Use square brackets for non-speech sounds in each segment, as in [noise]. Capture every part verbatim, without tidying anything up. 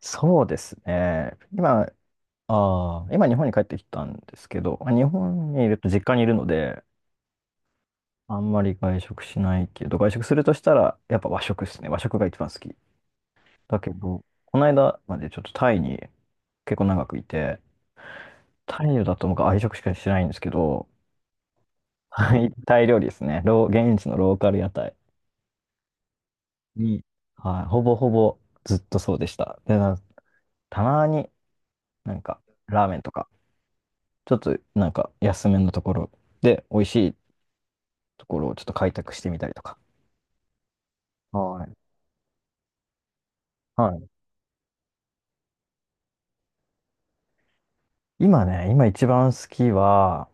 そうですね。今、あー今日本に帰ってきたんですけど、まあ日本にいると実家にいるので、あんまり外食しないけど、外食するとしたら、やっぱ和食ですね。和食が一番好き。だけど、この間までちょっとタイに結構長くいて、タイだと僕は愛食しかしてないんですけど、はい、タイ料理ですね。ロー、現地のローカル屋台に、はい、ほぼほぼずっとそうでした。で、なたまになんかラーメンとか、ちょっとなんか安めのところ、で、美味しいっところをちょっと開拓してみたりとか。はい。はい。今ね、今一番好きは、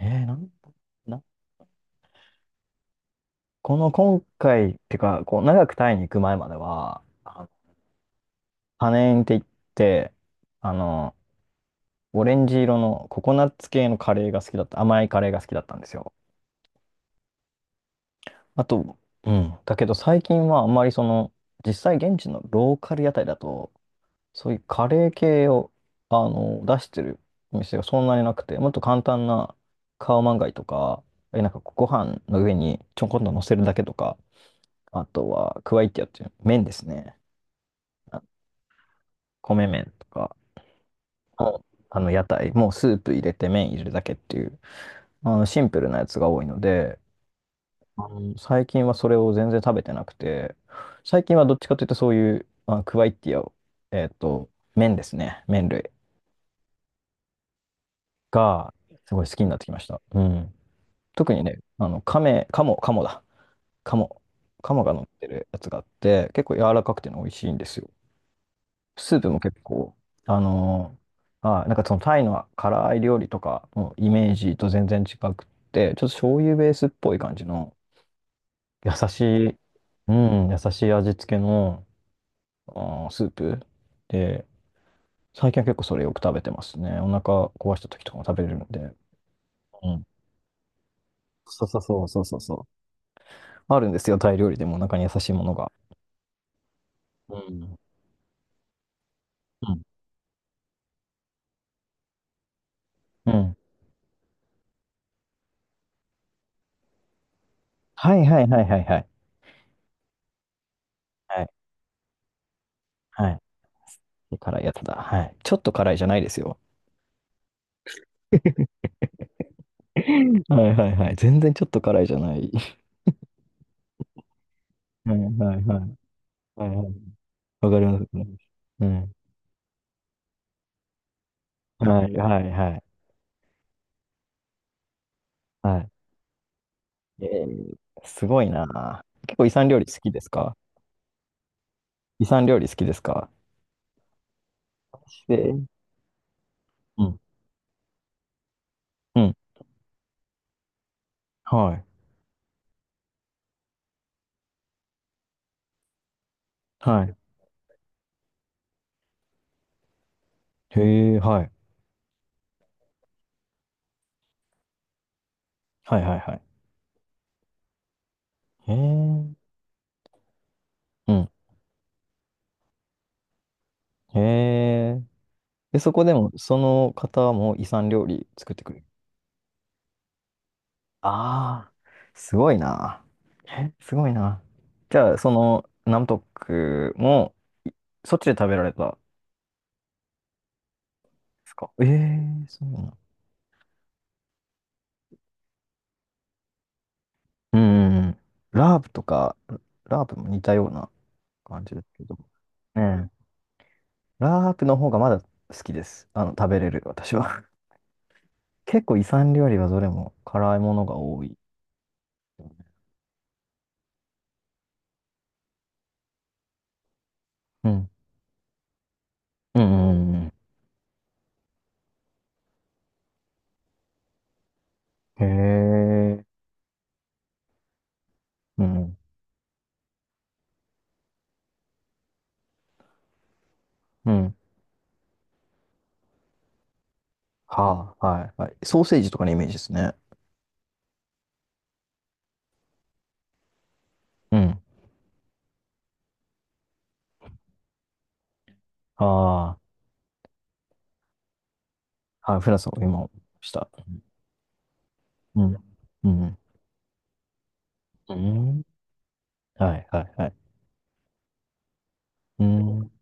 えー、なん、な、この今回、ってか、こう、長くタイに行く前までは、あのパネーンって言って、あの、オレンジ色のココナッツ系のカレーが好きだった、甘いカレーが好きだったんですよ。あと、うん、だけど最近はあんまりその、実際現地のローカル屋台だと、そういうカレー系を、あの、出してるお店がそんなになくて、もっと簡単なカオマンガイとか、え、なんかご飯の上にちょこんと乗せるだけとか、あとはクワイティアっていう麺ですね。あ、米麺とかの、あの屋台、もうスープ入れて麺入れるだけっていう、あのシンプルなやつが多いので、あの最近はそれを全然食べてなくて、最近はどっちかというとそういう、あ、クワイティアを、えっと、麺ですね。麺類。が、すごい好きになってきました。うん。特にね、あの、亀、鴨、鴨だ。鴨。鴨が乗ってるやつがあって、結構柔らかくてね美味しいんですよ。スープも結構、あのーあなんかそのタイの辛い料理とかのイメージと全然違くって、ちょっと醤油ベースっぽい感じの、優しい、うん、優しい味付けの、あースープで、最近は結構それよく食べてますね。お腹壊した時とかも食べれるので。うん。そうそうそうそうそうそう。あるんですよ、タイ料理でもお腹に優しいものが。うん。うん。うん。はいはいはいはいはい。はい。はい。辛いやつだ。はい。ちょっと辛いじゃないですよ。[laughs] はいはいはい。全然ちょっと辛いじゃない。[laughs] はいはいはい。はいはい。わかります。うん。はいはいはい。はい。えー、すごいな。結構イス料理好きですか？イス料理好きですか？で、うん。うん。はい。はい。へえ、はい。はいはいはい。へえ。うん。へえ。で、そこでも、その方も遺産料理作ってくれる？ああ、すごいな。え、すごいな。じゃあ、その、ナムトックも、そっちで食べられたんですか？ええー、そうなの？うんうんうん。ラープとか、ラープも似たような感じですけど。ええ、ラープの方がまだ好きです。あの、食べれる、私は。[laughs] 結構遺産料理はどれも辛いものが多い。うん。うんうんうんうん。へえ。うん。うんはあ、はい、はい。ソーセージとかのイメージですね。うん。ああ、はい、フランスを今、した。うん。うん。うん。はい、はい、はい。うん。うん、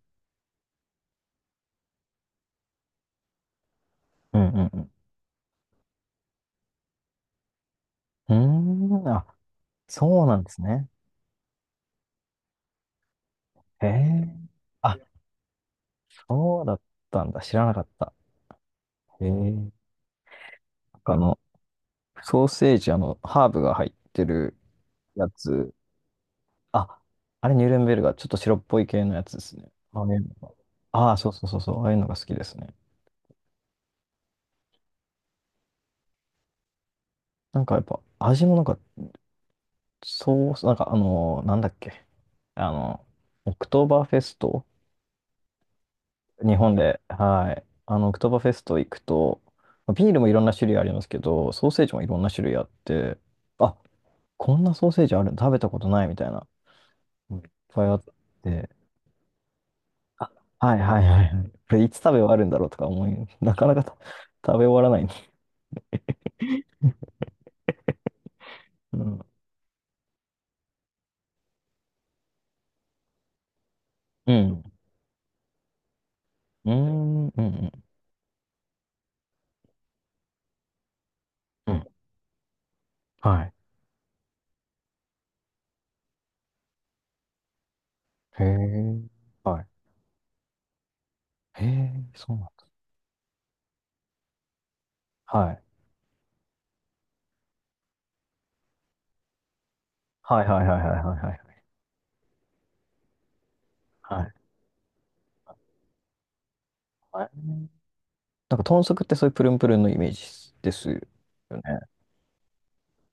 うん、うん。うーん、あ、そうなんですね。へえ。あ、そうだったんだ。知らなかった。へえ。なんかあの、ソーセージ、あの、ハーブが入ってるやつ。あ、あれ、ニュルンベルガー、ちょっと白っぽい系のやつですね。ああいうのがああそうそうそうそう。ああいうのが好きですね。なんかやっぱ、味もなんかそう、なんかあの、なんだっけ。あの、オクトーバーフェスト、日本で、はい。あの、オクトーバーフェスト行くと、ビールもいろんな種類ありますけど、ソーセージもいろんな種類あって、あ、こんなソーセージある、食べたことないみたいな、うん、いっぱいあって、あ、はいはいはいはい。これいつ食べ終わるんだろうとか思い、なかなかた食べ終わらない。うん。うん。うーん。うん。うん。うんはい。へえ。はい。へえ、そうなんだ。はい。はいはいはいはいはいはい。はい。はい。なんか豚足ってそういうプルンプルンのイメージですよね。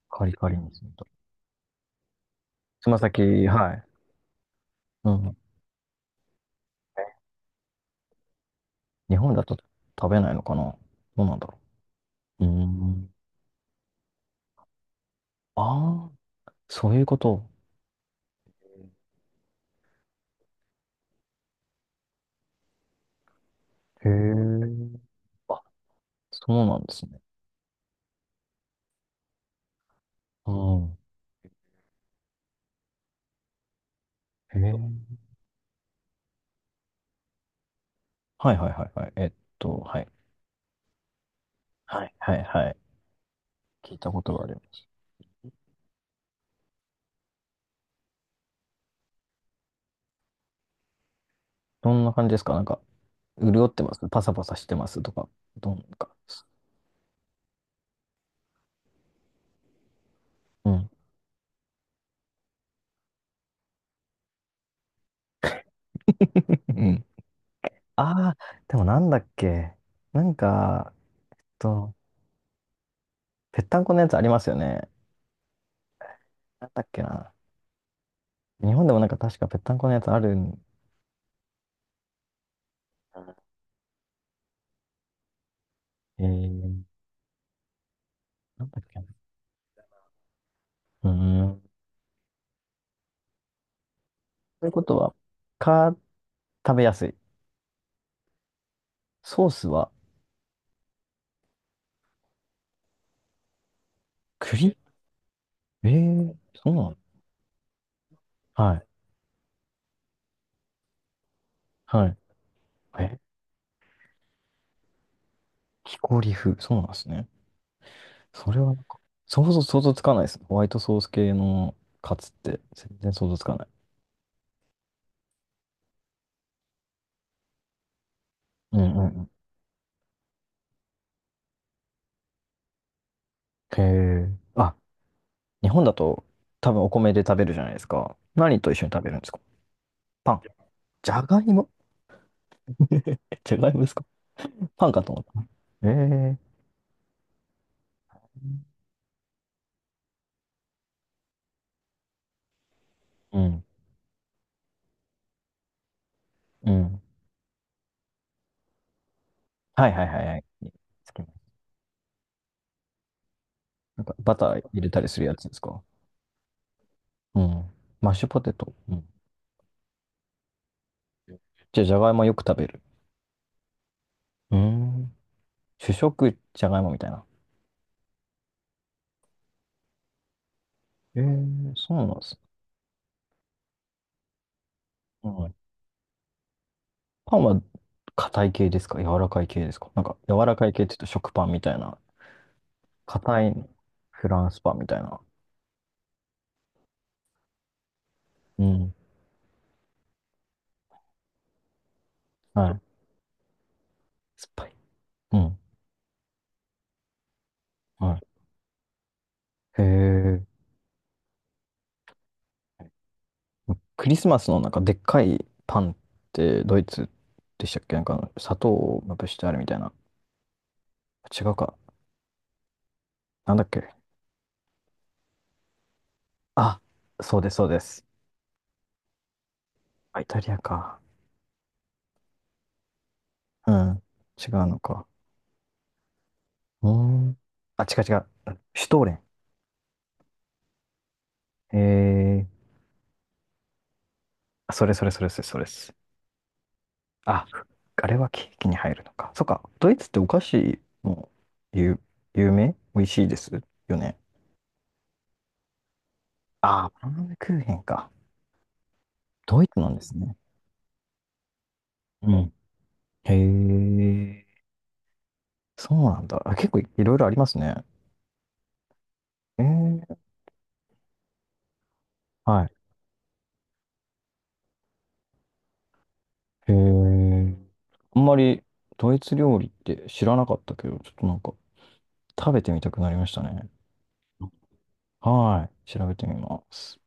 カリカリにすると。つま先、はい。うん。日本だと食べないのかな。どうなんだろう。うーん。ああ、そういうこと。へえ。あ、そうなんですね。うん。へえ。はいはいはいはい。えっと、はい。はいはいはい。聞いたことがあります。どんな感じですか？なんか、潤ってますパサパサしてますとか。どんか。うん。[laughs] うんああ、でもなんだっけ。なんか、と、ぺったんこのやつありますよね。なんだっけな。日本でもなんか確かぺったんこのやつあるん。えー、なんだっけな。うーん。ということは、か、食べやすい。ソースは？栗、えー、そうなの？はい。はい。え、木こり風。そうなんですね。それはなんか、想像、想像つかないです。ホワイトソース系のカツって全然想像つかない。うんうんうん。へえ。あ、日本だと多分お米で食べるじゃないですか。何と一緒に食べるんですか？パン。じゃがいも。 [laughs] じゃがいもですか？パンかと思った。えーうん。うん。はいはいはいはい。好きな。なんかバター入れたりするやつですか？うん。マッシュポテト。うん。じゃあ、じゃがいもよく食べる？うーん。主食、じゃがいもみたいな。えー、そうなんです。うパンは硬い系ですか？柔らかい系ですか？なんか、柔らかい系って言うと食パンみたいな。硬いフランスパンみたいな。うん。はい。酸っぱい。うん。はい。へえ。クリスマスのなんかでっかいパンってドイツでしたっけ？なんか砂糖をまぶしてあるみたいな。違うか。なんだっけ。あ、そうです、そうです。あ、イタリアか。うん。違うのか。うーん。あ、違う違う。シュトーレン。えー、それそれそれそれそれです。あ、あれはケーキに入るのか。そっか。ドイツってお菓子も有、有名、美味しいですよね。あー、バナナクーヘンか。ドイツなんですね。うん。へえ、そうなんだ。あ、結構いろいろありますね。ええ、はい。へえ、あんまりドイツ料理って知らなかったけど、ちょっとなんか食べてみたくなりましたね。はい。調べてみます。